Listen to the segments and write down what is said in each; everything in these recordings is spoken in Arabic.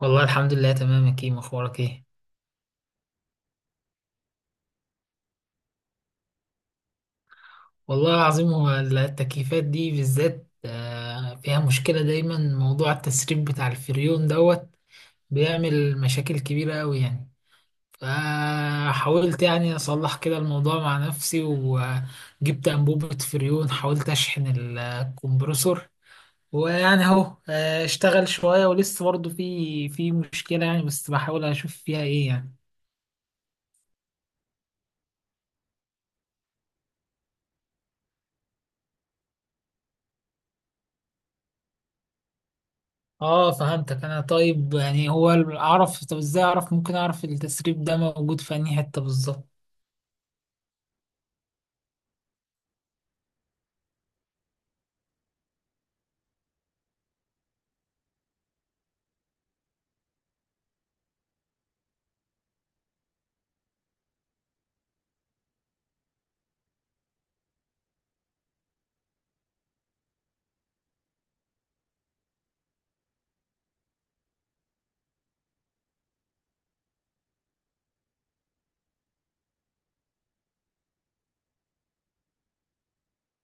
والله الحمد لله تمام يا كيم، اخبارك ايه؟ والله العظيم هو التكييفات دي بالذات فيها مشكلة دايما، موضوع التسريب بتاع الفريون دوت بيعمل مشاكل كبيرة قوي يعني. فحاولت يعني اصلح كده الموضوع مع نفسي، وجبت انبوبة فريون حاولت اشحن الكمبرسور، ويعني اهو اشتغل شوية ولسه برضه في مشكلة يعني، بس بحاول اشوف فيها ايه يعني. اه فهمتك انا. طيب يعني هو اعرف، طب ازاي اعرف، ممكن اعرف التسريب ده موجود في انهي حتة بالظبط؟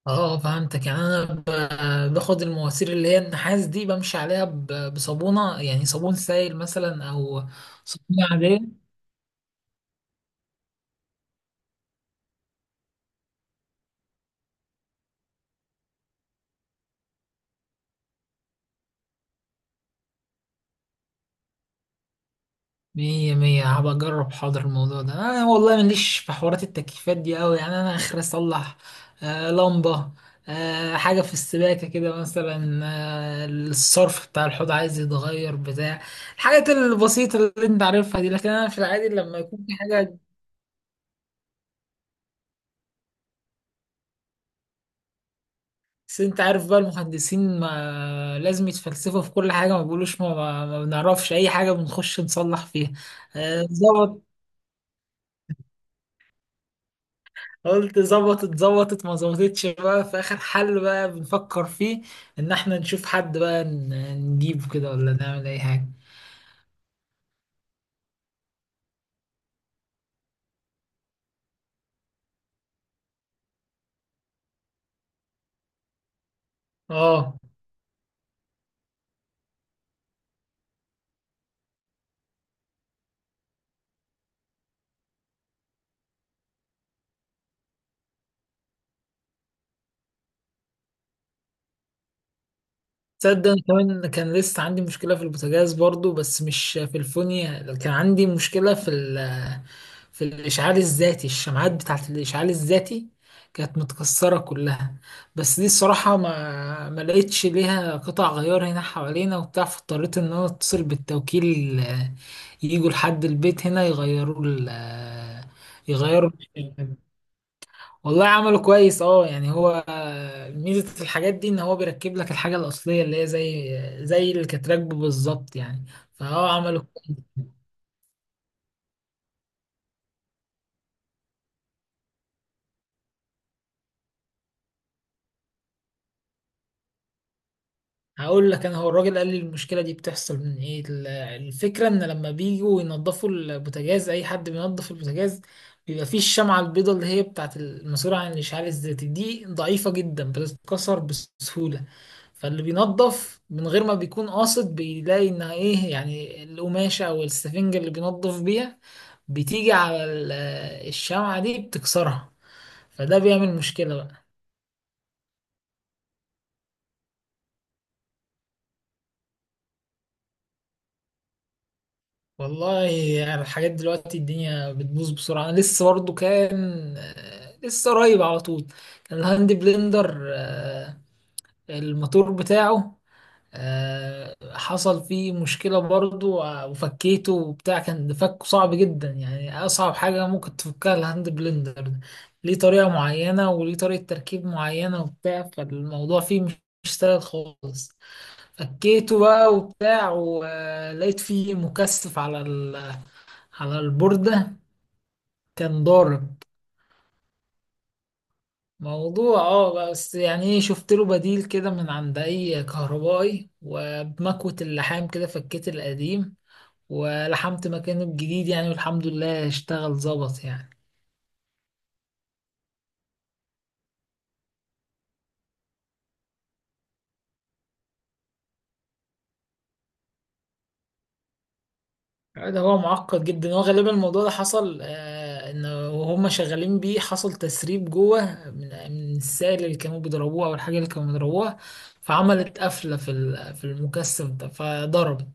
اه فهمتك يعني. انا باخد المواسير اللي هي النحاس دي بمشي عليها بصابونة، يعني صابون سائل مثلا او صابونة عادية. مية مية، هبقى أجرب. حاضر. الموضوع ده أنا والله ماليش في حوارات التكييفات دي أوي يعني. أنا آخر أصلح لمبة، حاجة في السباكة كده مثلا، الصرف بتاع الحوض عايز يتغير، بتاع الحاجات البسيطة اللي أنت عارفها دي، لكن أنا في العادي لما يكون في حاجة. بس أنت عارف بقى، المهندسين ما لازم يتفلسفوا في كل حاجة، ما بيقولوش ما بنعرفش أي حاجة، بنخش نصلح فيها. ظبط. قلت ظبطت، ظبطت ما ظبطتش بقى، في اخر حل بقى بنفكر فيه ان احنا نشوف حد بقى نجيبه كده، ولا نعمل اي حاجه. اه تصدق أنا كمان كان لسه عندي مشكلة في البوتاجاز برضو، بس مش في الفونيا، كان عندي مشكلة في في الإشعال الذاتي، الشمعات بتاعت الإشعال الذاتي كانت متكسرة كلها. بس دي الصراحة ما لقيتش ليها قطع غيار هنا حوالينا وبتاع، فاضطريت إن أنا أتصل بالتوكيل، يجوا لحد البيت هنا يغيروا ال آه، يغيروا. والله عمله كويس، اه يعني هو ميزة الحاجات دي ان هو بيركب لك الحاجة الأصلية اللي هي زي اللي كانت راكبه بالظبط يعني. فهو عمله. هقول لك انا، هو الراجل قال لي المشكله دي بتحصل من ايه. الفكره ان لما بيجوا ينظفوا البوتاجاز، اي حد بينظف البوتاجاز بيبقى فيه الشمعه البيضاء اللي هي بتاعه المسؤوله عن الاشعال الذاتي، دي ضعيفه جدا بتتكسر بسهوله. فاللي بينظف من غير ما بيكون قاصد بيلاقي انها ايه يعني، القماشه او السفنجه اللي بينظف بيها بتيجي على الشمعه دي بتكسرها، فده بيعمل مشكله بقى. والله انا الحاجات دلوقتي الدنيا بتبوظ بسرعه. انا لسه برضه كان، لسه قريب على طول، كان الهاند بلندر، الموتور بتاعه، حصل فيه مشكله برضه. وفكيته وبتاع، كان فكه صعب جدا يعني، اصعب حاجه ممكن تفكها الهاند بلندر ده. ليه طريقه معينه، وليه طريقه تركيب معينه وبتاع، فالموضوع فيه مش سهل خالص. فكيته بقى وبتاع، ولقيت فيه مكثف على على البوردة كان ضارب. موضوع اه بس يعني ايه، شفت له بديل كده من عند اي كهربائي، وبمكوة اللحام كده فكيت القديم ولحمت مكانه الجديد يعني، والحمد لله اشتغل ظبط يعني. ده هو معقد جدا. هو غالبا الموضوع ده حصل ان وهم شغالين بيه حصل تسريب جوه، من السائل اللي كانوا بيضربوه او الحاجه اللي كانوا بيضربوها، فعملت قفله في في المكثف ده فضربت.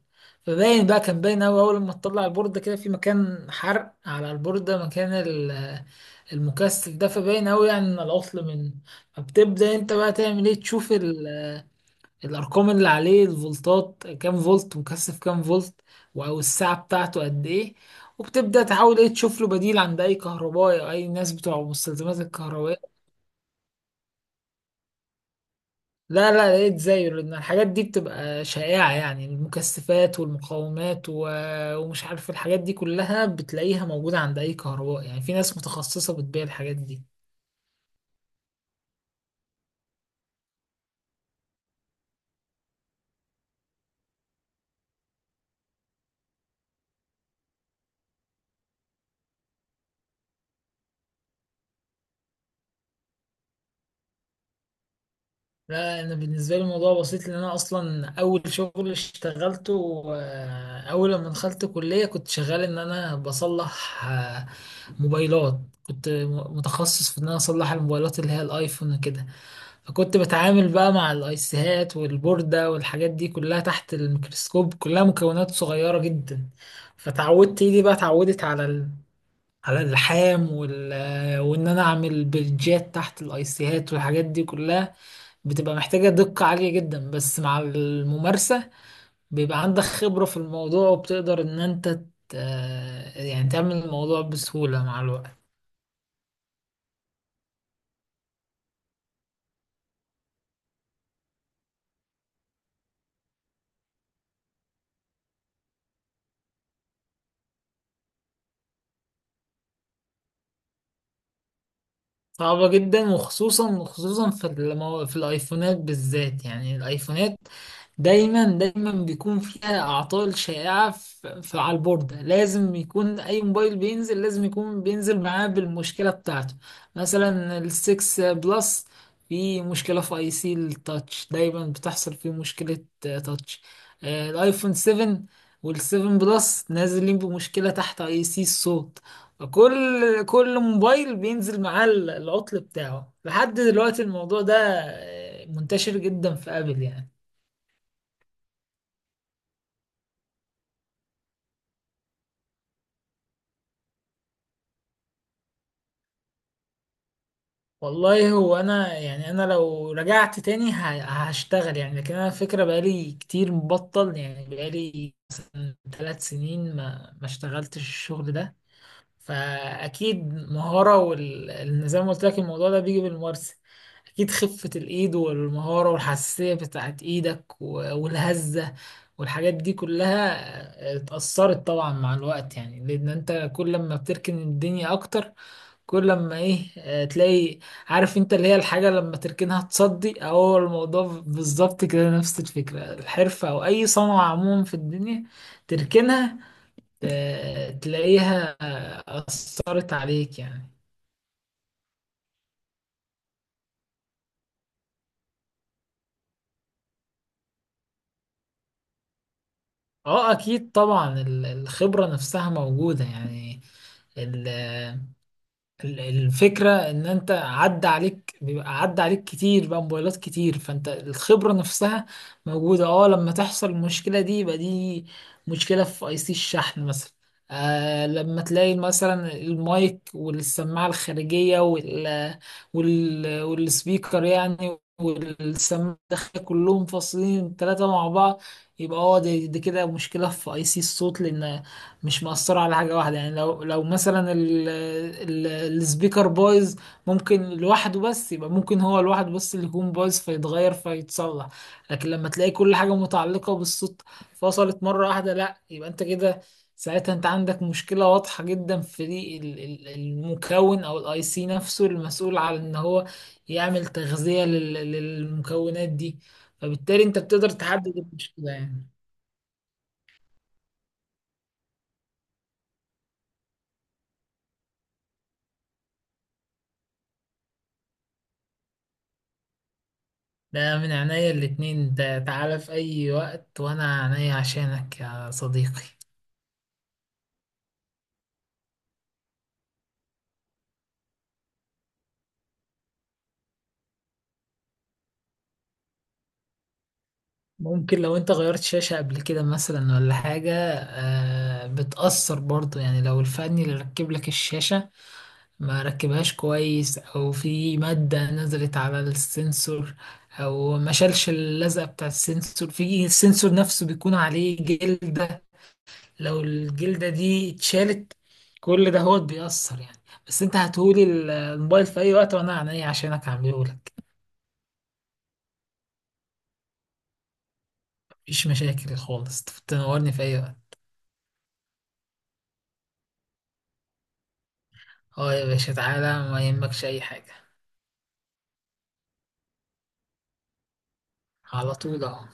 فباين بقى، كان باين قوي اول ما تطلع البورده كده، في مكان حرق على البورده مكان المكثف ده، فباين قوي يعني ان العطل من. فبتبدا انت بقى تعمل ايه، تشوف الارقام اللي عليه، الفولتات كام فولت، مكثف كام فولت، او الساعه بتاعته قد ايه، وبتبدا تحاول ايه تشوف له بديل عند اي كهربائي او اي ناس بتوع مستلزمات الكهربائيه. لا لقيت زيه، لان الحاجات دي بتبقى شائعه يعني، المكثفات والمقاومات و... ومش عارف الحاجات دي كلها بتلاقيها موجوده عند اي كهربائي يعني، في ناس متخصصه بتبيع الحاجات دي. لا انا بالنسبه لي الموضوع بسيط، لان انا اصلا اول شغل اشتغلته، اول لما دخلت كليه كنت شغال ان انا بصلح موبايلات. كنت متخصص في ان انا اصلح الموبايلات اللي هي الايفون وكده، فكنت بتعامل بقى مع الايسيهات والبورده والحاجات دي كلها تحت الميكروسكوب، كلها مكونات صغيره جدا. فتعودت ايدي بقى، اتعودت على ال... على اللحام وال... وان انا اعمل بلجات تحت الايسيهات، والحاجات دي كلها بتبقى محتاجة دقة عالية جدا، بس مع الممارسة بيبقى عندك خبرة في الموضوع، وبتقدر ان انت يعني تعمل الموضوع بسهولة مع الوقت. صعبة جدا، وخصوصا خصوصا في المو... في الايفونات بالذات يعني. الايفونات دايما دايما بيكون فيها اعطال شائعة على البوردة، لازم يكون اي موبايل بينزل، لازم يكون بينزل معاه بالمشكلة بتاعته. مثلا السكس بلس، في مشكلة في اي سي التاتش دايما بتحصل فيه مشكلة، تاتش. الايفون 7 والسيفن بلس نازلين بمشكلة تحت اي سي الصوت. كل موبايل بينزل معاه العطل بتاعه، لحد دلوقتي الموضوع ده منتشر جدا في ابل يعني. والله هو انا يعني، انا لو رجعت تاني هشتغل يعني، لكن انا الفكره بقالي كتير مبطل يعني، بقالي مثلا 3 سنين ما اشتغلتش الشغل ده، فاكيد مهاره والنظام زي ما قلت لك الموضوع ده بيجي بالممارسه. اكيد خفه الايد والمهاره والحساسيه بتاعت ايدك والهزه، والحاجات دي كلها اتأثرت طبعا مع الوقت يعني، لأن أنت كل ما بتركن الدنيا أكتر، كل لما ايه تلاقي، عارف انت اللي هي الحاجة لما تركنها تصدي، هو الموضوع بالظبط كده نفس الفكرة، الحرفة او اي صنعة عموما في الدنيا تركنها تلاقيها أثرت عليك يعني. اه اكيد طبعا، الخبرة نفسها موجودة يعني. الفكرة ان انت عدى عليك، بيبقى عدى عليك كتير بقى موبايلات كتير، فانت الخبرة نفسها موجودة. اه لما تحصل المشكلة دي يبقى دي مشكلة في اي سي الشحن مثلا. آه لما تلاقي مثلا المايك والسماعة الخارجية وال والسبيكر يعني، والسماعة الداخلية كلهم فاصلين ثلاثة مع بعض، يبقى اه دي كده مشكلة في اي سي الصوت، لان مش مأثرة على حاجة واحدة يعني. لو مثلا السبيكر بايظ، ممكن لوحده بس، يبقى ممكن هو لوحده بس اللي يكون بايظ، فيتغير فيتصلح. لكن لما تلاقي كل حاجة متعلقة بالصوت فصلت مرة واحدة، لا يبقى انت كده ساعتها انت عندك مشكلة واضحة جدا في دي المكون او الاي سي نفسه، المسؤول على ان هو يعمل تغذية للمكونات دي، فبالتالي انت بتقدر تحدد المشكلة يعني. ده من عينيا الاتنين، انت تعالى في اي وقت وانا عينيا عشانك يا صديقي. ممكن لو انت غيرت شاشة قبل كده مثلا ولا حاجة بتأثر برضو يعني، لو الفني اللي ركب لك الشاشة ما ركبهاش كويس، او في مادة نزلت على السنسور، او ما شالش اللزقة بتاع السنسور، في السنسور نفسه بيكون عليه جلد، لو الجلدة دي اتشالت كل ده هو بيأثر يعني. بس انت هتقولي الموبايل في اي وقت، وانا عينيا عشانك هعملهولك. مفيش مشاكل خالص، تنورني في اي وقت. اه يا باشا تعالى، ما يهمكش اي حاجة، على طول اهو.